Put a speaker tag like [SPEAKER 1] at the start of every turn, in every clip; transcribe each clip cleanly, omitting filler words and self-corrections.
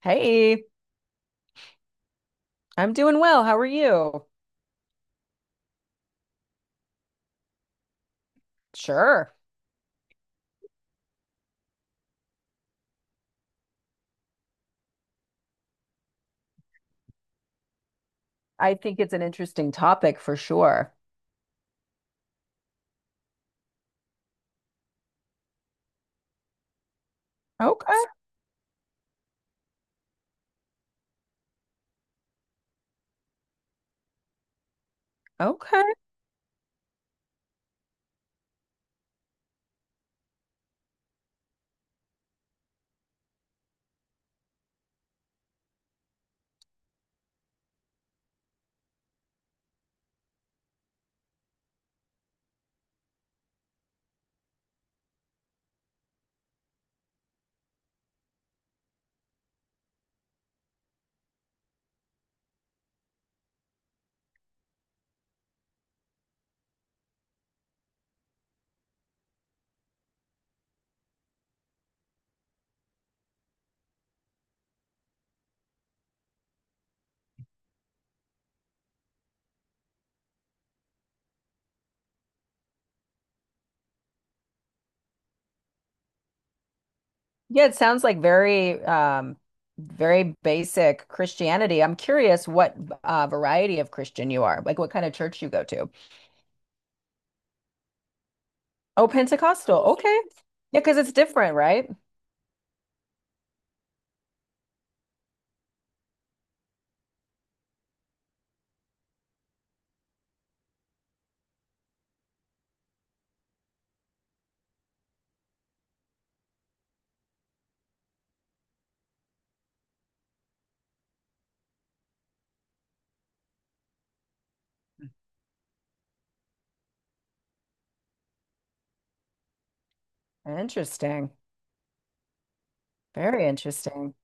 [SPEAKER 1] Hey, I'm doing well. How are you? Sure. I think it's an interesting topic for sure. Okay. Okay. Yeah, it sounds like very very basic Christianity. I'm curious what variety of Christian you are, like what kind of church you go to. Oh, Pentecostal. Okay. Yeah, because it's different, right? Interesting. Very interesting.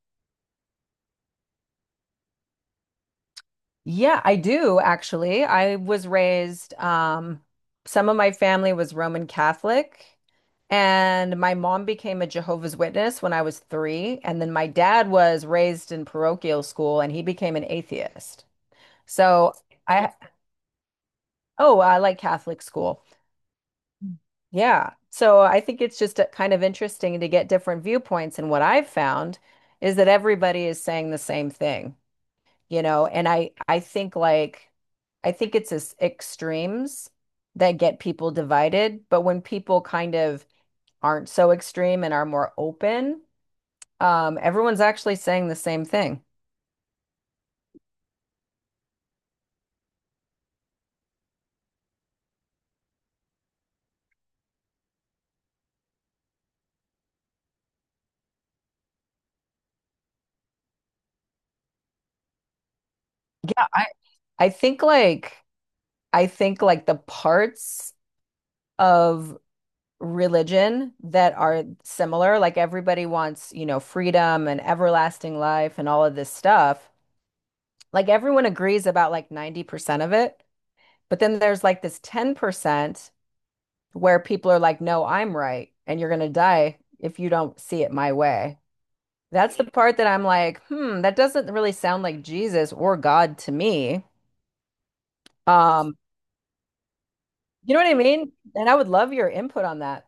[SPEAKER 1] Yeah, I do actually. I was raised, some of my family was Roman Catholic, and my mom became a Jehovah's Witness when I was three. And then my dad was raised in parochial school and he became an atheist. So I, oh, I like Catholic school. Yeah. So I think it's just kind of interesting to get different viewpoints. And what I've found is that everybody is saying the same thing. And I think like, I think it's as extremes that get people divided, but when people kind of aren't so extreme and are more open, everyone's actually saying the same thing. Yeah, I think like, I think like the parts of religion that are similar. Like everybody wants, freedom and everlasting life and all of this stuff. Like everyone agrees about like 90% of it. But then there's like this 10% where people are like, no, I'm right. And you're going to die if you don't see it my way. That's the part that I'm like, hmm, that doesn't really sound like Jesus or God to me. Um, you know what I mean? And I would love your input on that.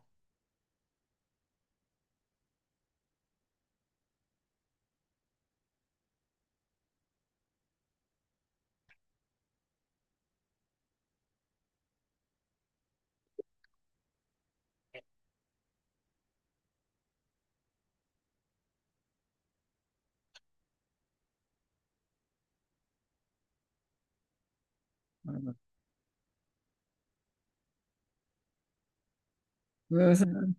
[SPEAKER 1] Mhm.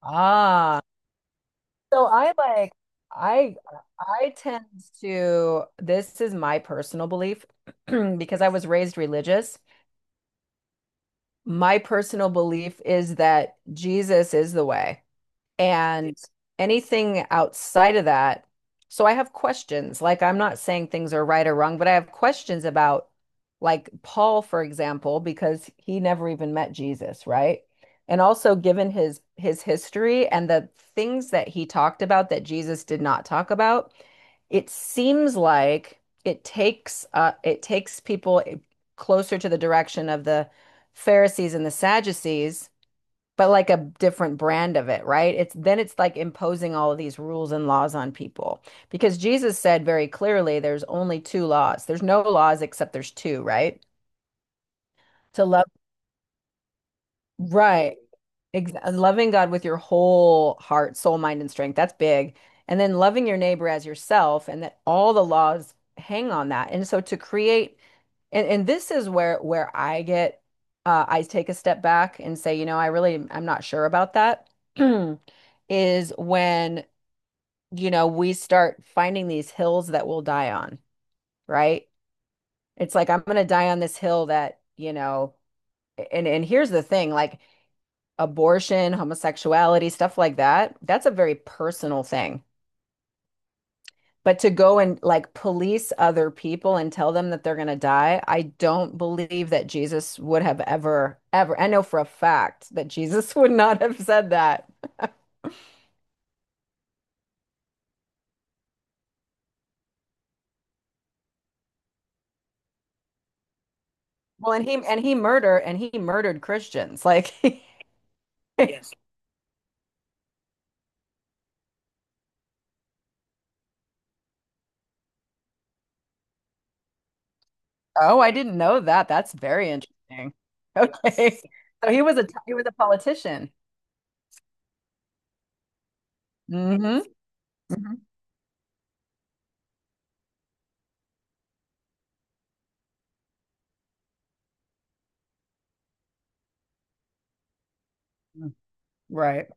[SPEAKER 1] Ah. So I like I I tend to, this is my personal belief because I was raised religious. My personal belief is that Jesus is the way. And anything outside of that, so I have questions. Like, I'm not saying things are right or wrong, but I have questions about, like, Paul, for example, because he never even met Jesus, right? And also, given his history and the things that he talked about that Jesus did not talk about, it seems like it takes people closer to the direction of the Pharisees and the Sadducees but like a different brand of it, right? It's then it's like imposing all of these rules and laws on people because Jesus said very clearly there's only two laws. There's no laws except there's two, right? To love, right. Ex loving God with your whole heart, soul, mind, and strength. That's big. And then loving your neighbor as yourself, and that all the laws hang on that. And so to create, and this is where I get I take a step back and say, you know, I really, I'm not sure about that. is when, you know, we start finding these hills that we'll die on, right? It's like I'm going to die on this hill that, you know, and here's the thing, like abortion, homosexuality, stuff like that, that's a very personal thing. But to go and like police other people and tell them that they're going to die, I don't believe that Jesus would have ever, ever. I know for a fact that Jesus would not have said that. Well, and he murdered Christians. Like Yes. Oh, I didn't know that. That's very interesting. Okay. So he was a politician. Hmm. Hmm. Right.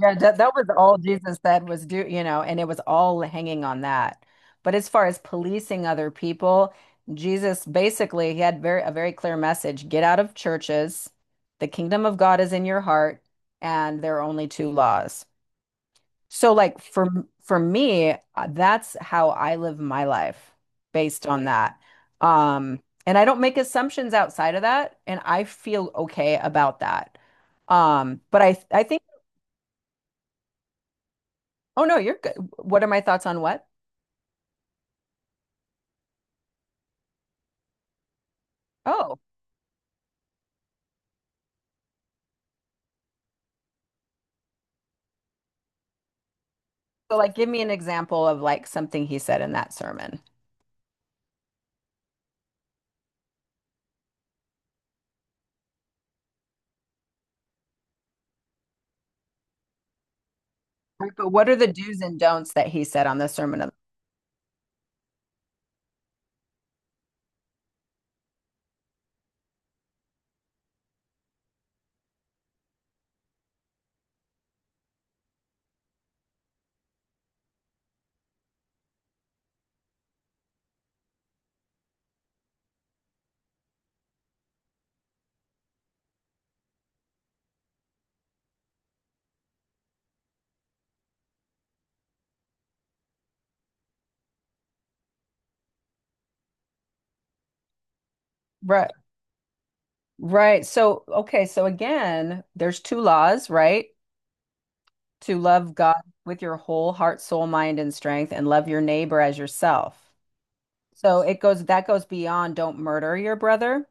[SPEAKER 1] Yeah, that, that was all Jesus said was do, you know, and it was all hanging on that. But as far as policing other people, Jesus basically, he had very a very clear message. Get out of churches. The kingdom of God is in your heart, and there are only two laws. So for me, that's how I live my life based on that. And I don't make assumptions outside of that, and I feel okay about that. But I think, oh no, you're good. What are my thoughts on what? Oh, so like give me an example of like something he said in that sermon. Right, but what are the do's and don'ts that he said on the sermon of Right. Right. So, okay. So again, there's two laws, right? To love God with your whole heart, soul, mind, and strength, and love your neighbor as yourself. So it goes, that goes beyond don't murder your brother.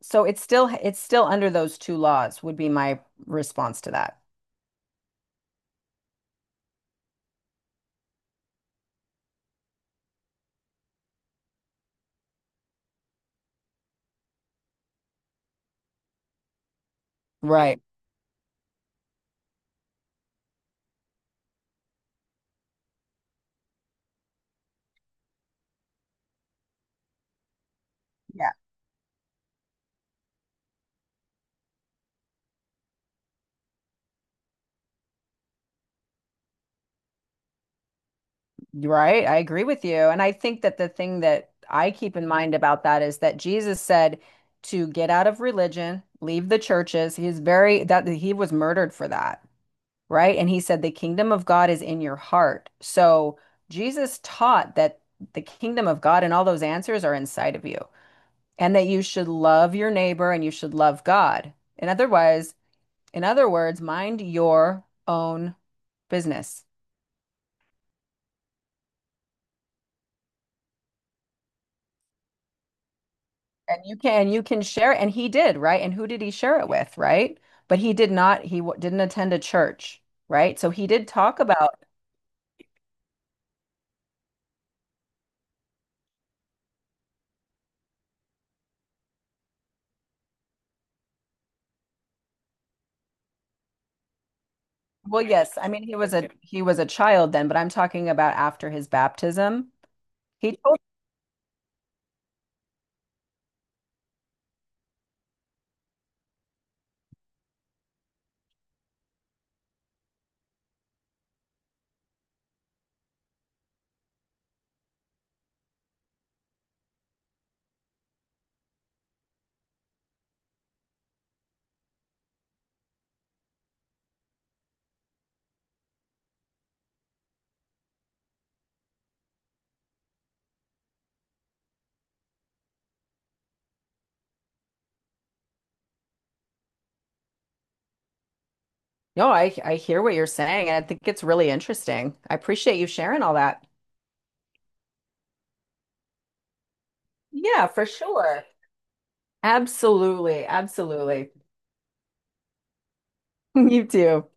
[SPEAKER 1] So it's still under those two laws would be my response to that. Right. Yeah. Right. I agree with you. And I think that the thing that I keep in mind about that is that Jesus said to get out of religion, leave the churches. He is very, that he was murdered for that. Right? And he said, the kingdom of God is in your heart. So Jesus taught that the kingdom of God and all those answers are inside of you, and that you should love your neighbor and you should love God. And otherwise, in other words, mind your own business. And you can share it. And he did, right? And who did he share it with, right? But he did not he w didn't attend a church, right? So he did talk about, well, yes, I mean he was a child then, but I'm talking about after his baptism. He told, no, I hear what you're saying, and I think it's really interesting. I appreciate you sharing all that. Yeah, for sure. Absolutely, absolutely. You too.